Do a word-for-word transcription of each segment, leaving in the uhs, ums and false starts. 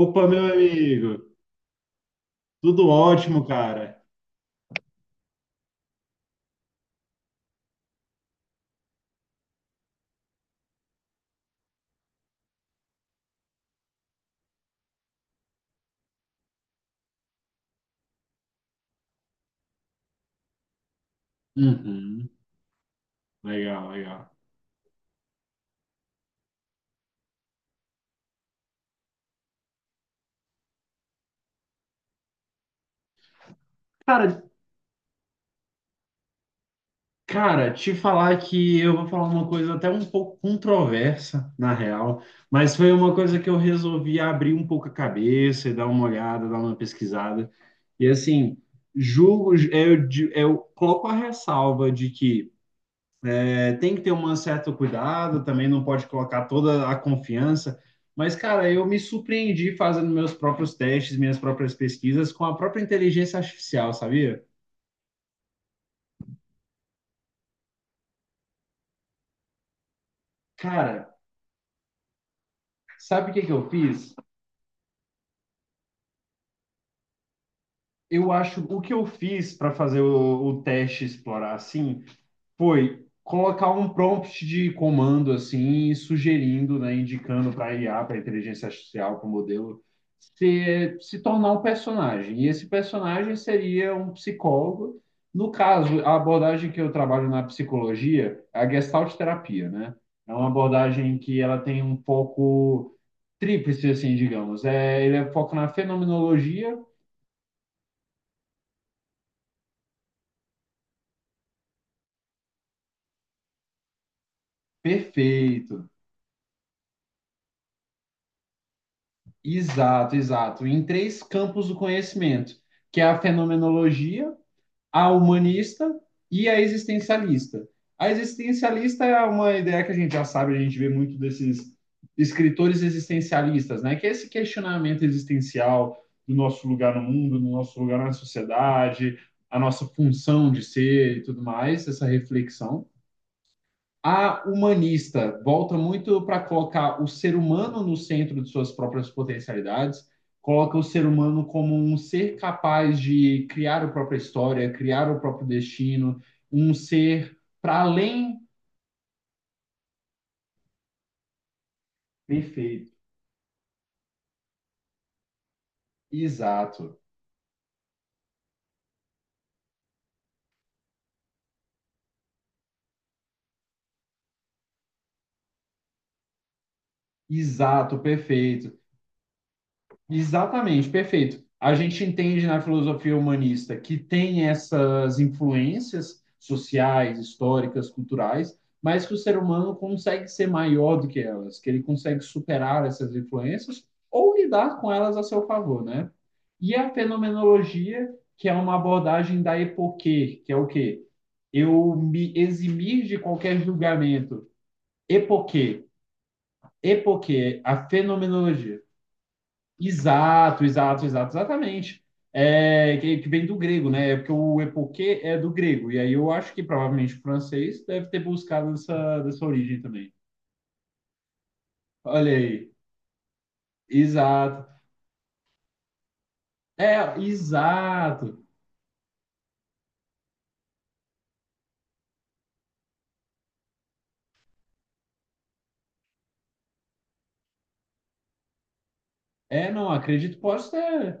Opa, meu amigo. Tudo ótimo, cara. Uhum. Legal, legal. Cara, cara, te falar que eu vou falar uma coisa até um pouco controversa, na real, mas foi uma coisa que eu resolvi abrir um pouco a cabeça e dar uma olhada, dar uma pesquisada. E assim, julgo, eu, di- eu coloco a ressalva de que é, tem que ter um certo cuidado, também não pode colocar toda a confiança. Mas, cara, eu me surpreendi fazendo meus próprios testes, minhas próprias pesquisas com a própria inteligência artificial, sabia? Cara, sabe o que que eu fiz? Eu acho o que eu fiz para fazer o, o teste explorar assim foi colocar um prompt de comando assim, sugerindo, né, indicando para a I A, para a inteligência artificial, para o modelo, se, se tornar um personagem. E esse personagem seria um psicólogo. No caso, a abordagem que eu trabalho na psicologia é a gestalt terapia, né? É uma abordagem que ela tem um pouco tríplice, assim, digamos. É, ele é foco na fenomenologia, perfeito. Exato, exato. Em três campos do conhecimento, que é a fenomenologia, a humanista e a existencialista. A existencialista é uma ideia que a gente já sabe, a gente vê muito desses escritores existencialistas, né? Que é esse questionamento existencial do nosso lugar no mundo, do nosso lugar na sociedade, a nossa função de ser e tudo mais, essa reflexão. A humanista volta muito para colocar o ser humano no centro de suas próprias potencialidades, coloca o ser humano como um ser capaz de criar a própria história, criar o próprio destino, um ser para além. Perfeito. Exato, exato, perfeito. Exatamente, perfeito. A gente entende na filosofia humanista que tem essas influências sociais, históricas, culturais, mas que o ser humano consegue ser maior do que elas, que ele consegue superar essas influências ou lidar com elas a seu favor, né? E a fenomenologia, que é uma abordagem da epoquê, que é o quê? Eu me eximir de qualquer julgamento. Epoquê. Epoquê, a fenomenologia. Exato, exato, exato, exatamente. É, que, que vem do grego, né? É, porque o epoquê é do grego. E aí eu acho que provavelmente o francês deve ter buscado essa, dessa origem também. Olha aí. Exato. É, exato. É, não, acredito, pode ser.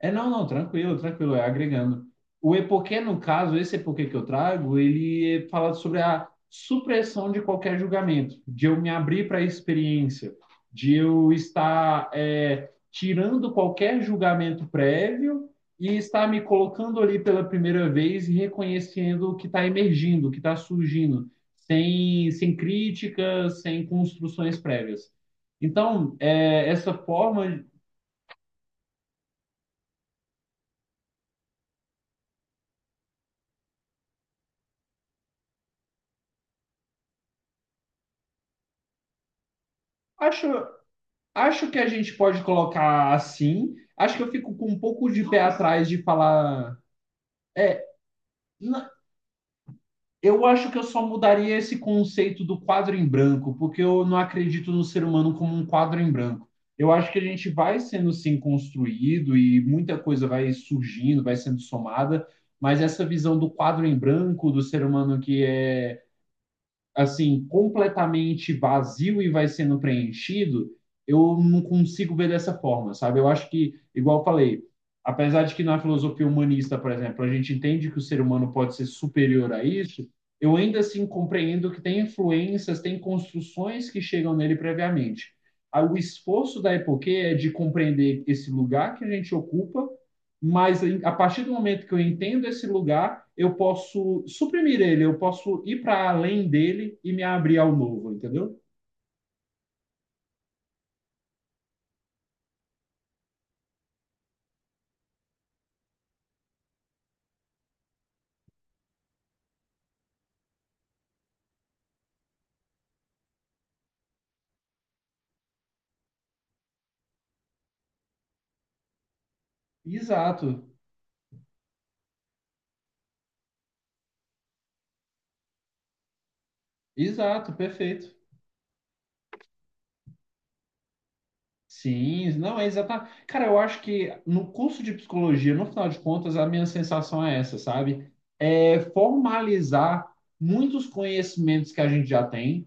É, não, não, tranquilo, tranquilo, é agregando. O epoquê, no caso, esse epoquê que eu trago, ele fala sobre a supressão de qualquer julgamento, de eu me abrir para a experiência, de eu estar é, tirando qualquer julgamento prévio e estar me colocando ali pela primeira vez e reconhecendo o que está emergindo, o que está surgindo, sem, sem críticas, sem construções prévias. Então, é, essa forma, acho, Acho que a gente pode colocar assim. Acho que eu fico com um pouco de pé atrás de falar. É, na- eu acho que eu só mudaria esse conceito do quadro em branco, porque eu não acredito no ser humano como um quadro em branco. Eu acho que a gente vai sendo sim construído e muita coisa vai surgindo, vai sendo somada, mas essa visão do quadro em branco, do ser humano que é assim, completamente vazio e vai sendo preenchido, eu não consigo ver dessa forma, sabe? Eu acho que, igual eu falei, apesar de que na filosofia humanista, por exemplo, a gente entende que o ser humano pode ser superior a isso, eu ainda assim compreendo que tem influências, tem construções que chegam nele previamente. Ah, o esforço da Epoquê é de compreender esse lugar que a gente ocupa, mas a partir do momento que eu entendo esse lugar, eu posso suprimir ele, eu posso ir para além dele e me abrir ao novo, entendeu? Exato, exato, perfeito. Sim, não é exatamente. Cara, eu acho que no curso de psicologia, no final de contas, a minha sensação é essa, sabe? É formalizar muitos conhecimentos que a gente já tem.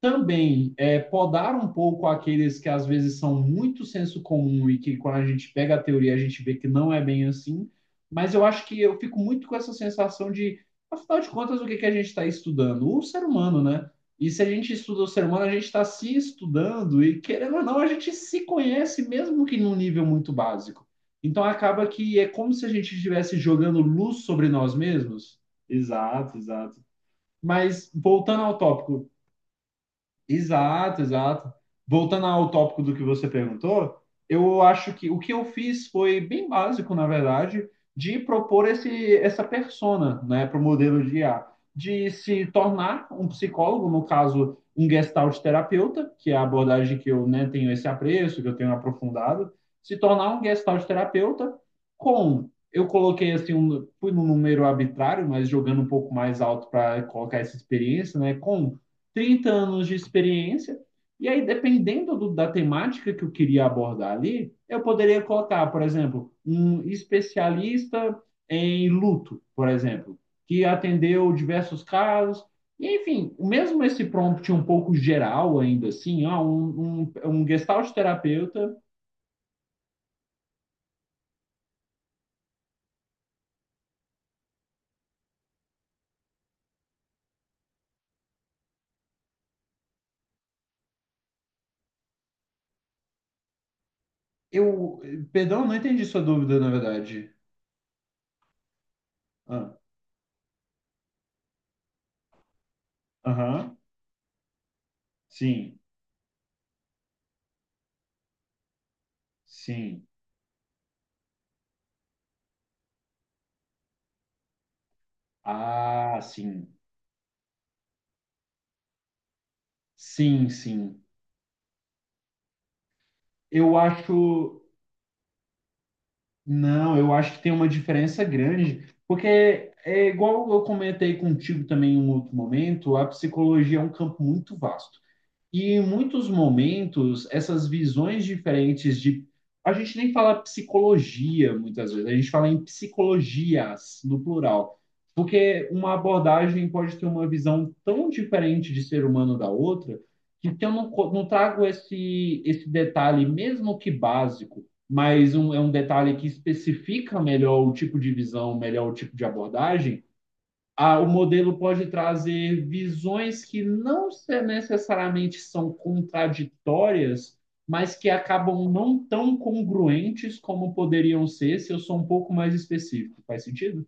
Também é, podar um pouco aqueles que às vezes são muito senso comum e que quando a gente pega a teoria a gente vê que não é bem assim, mas eu acho que eu fico muito com essa sensação de, afinal de contas, o que que a gente está estudando? O ser humano, né? E se a gente estuda o ser humano, a gente está se estudando e, querendo ou não, a gente se conhece, mesmo que num nível muito básico. Então acaba que é como se a gente estivesse jogando luz sobre nós mesmos. Exato, exato. Mas voltando ao tópico. Exato, exato. Voltando ao tópico do que você perguntou, eu acho que o que eu fiz foi bem básico, na verdade, de propor esse, essa persona, né, para o modelo de I A, de se tornar um psicólogo, no caso, um gestalt terapeuta, que é a abordagem que eu, né, tenho esse apreço, que eu tenho aprofundado, se tornar um gestalt terapeuta com eu coloquei assim um, fui num número arbitrário, mas jogando um pouco mais alto para colocar essa experiência, né, com trinta anos de experiência. E aí, dependendo do- da temática que eu queria abordar ali, eu poderia colocar, por exemplo, um especialista em luto, por exemplo, que atendeu diversos casos. E, enfim, mesmo esse prompt um pouco geral, ainda assim, ó, um, um, um gestalt terapeuta. Eu, perdão, não entendi sua dúvida, na verdade. Ah, aham, sim, sim. Ah, sim, sim, sim. Eu acho. Não, eu acho que tem uma diferença grande, porque é igual eu comentei contigo também em um outro momento, a psicologia é um campo muito vasto. E em muitos momentos, essas visões diferentes de. A gente nem fala psicologia muitas vezes, a gente fala em psicologias, no plural. Porque uma abordagem pode ter uma visão tão diferente de ser humano da outra, que se eu não, co- não trago esse, esse detalhe, mesmo que básico, mas um, é um detalhe que especifica melhor o tipo de visão, melhor o tipo de abordagem, ah, o modelo pode trazer visões que não se- necessariamente são contraditórias, mas que acabam não tão congruentes como poderiam ser se eu sou um pouco mais específico. Faz sentido?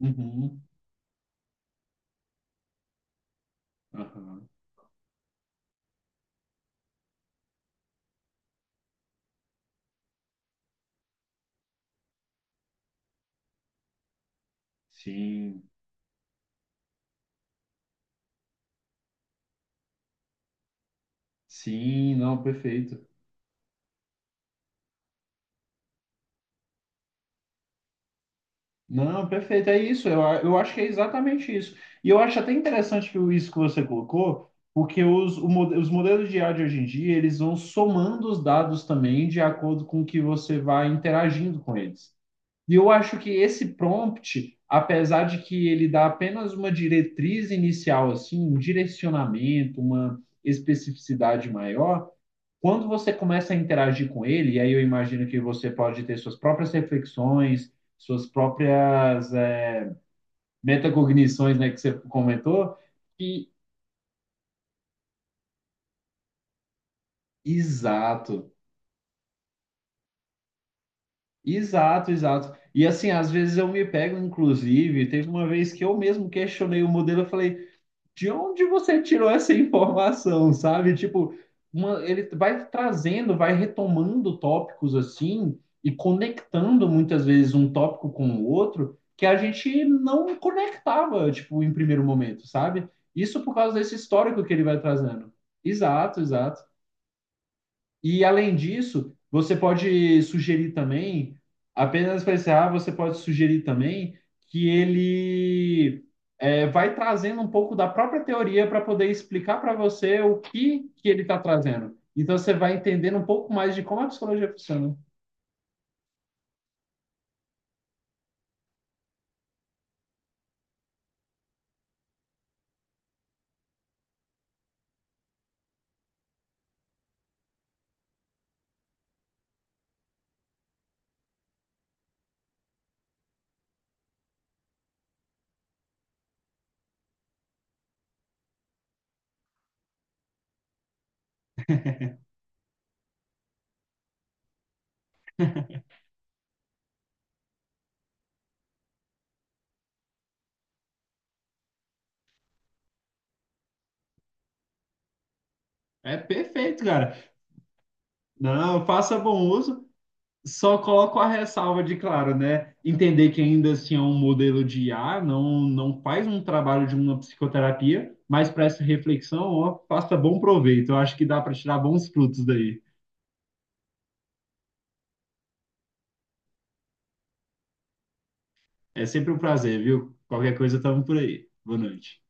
Uhum. Aham. Sim, sim, não, perfeito. Não, perfeito, é isso. Eu, a- eu acho que é exatamente isso. E eu acho até interessante que o- isso que você colocou, porque os, o mode- os modelos de I A de hoje em dia, eles vão somando os dados também de acordo com o que você vai interagindo com eles. E eu acho que esse prompt, apesar de que ele dá apenas uma diretriz inicial, assim, um direcionamento, uma especificidade maior, quando você começa a interagir com ele, e aí eu imagino que você pode ter suas próprias reflexões, suas próprias é, metacognições, né, que você comentou, e exato, exato, exato. E assim, às vezes eu me pego, inclusive, teve uma vez que eu mesmo questionei o modelo, eu falei, de onde você tirou essa informação, sabe? Tipo, uma- ele vai trazendo, vai retomando tópicos assim e conectando muitas vezes um tópico com o outro que a gente não conectava, tipo, em primeiro momento, sabe? Isso por causa desse histórico que ele vai trazendo. Exato, exato. E além disso, você pode sugerir também, apenas para encerrar, você pode sugerir também que ele é, vai trazendo um pouco da própria teoria para poder explicar para você o que, que ele está trazendo. Então você vai entendendo um pouco mais de como a psicologia funciona. É perfeito, cara. Não, faça bom uso. Só coloco a ressalva de, claro, né? Entender que ainda assim é um modelo de I A, não, não faz um trabalho de uma psicoterapia, mas para essa reflexão, ó, faça bom proveito. Eu acho que dá para tirar bons frutos daí. É sempre um prazer, viu? Qualquer coisa, estamos por aí. Boa noite.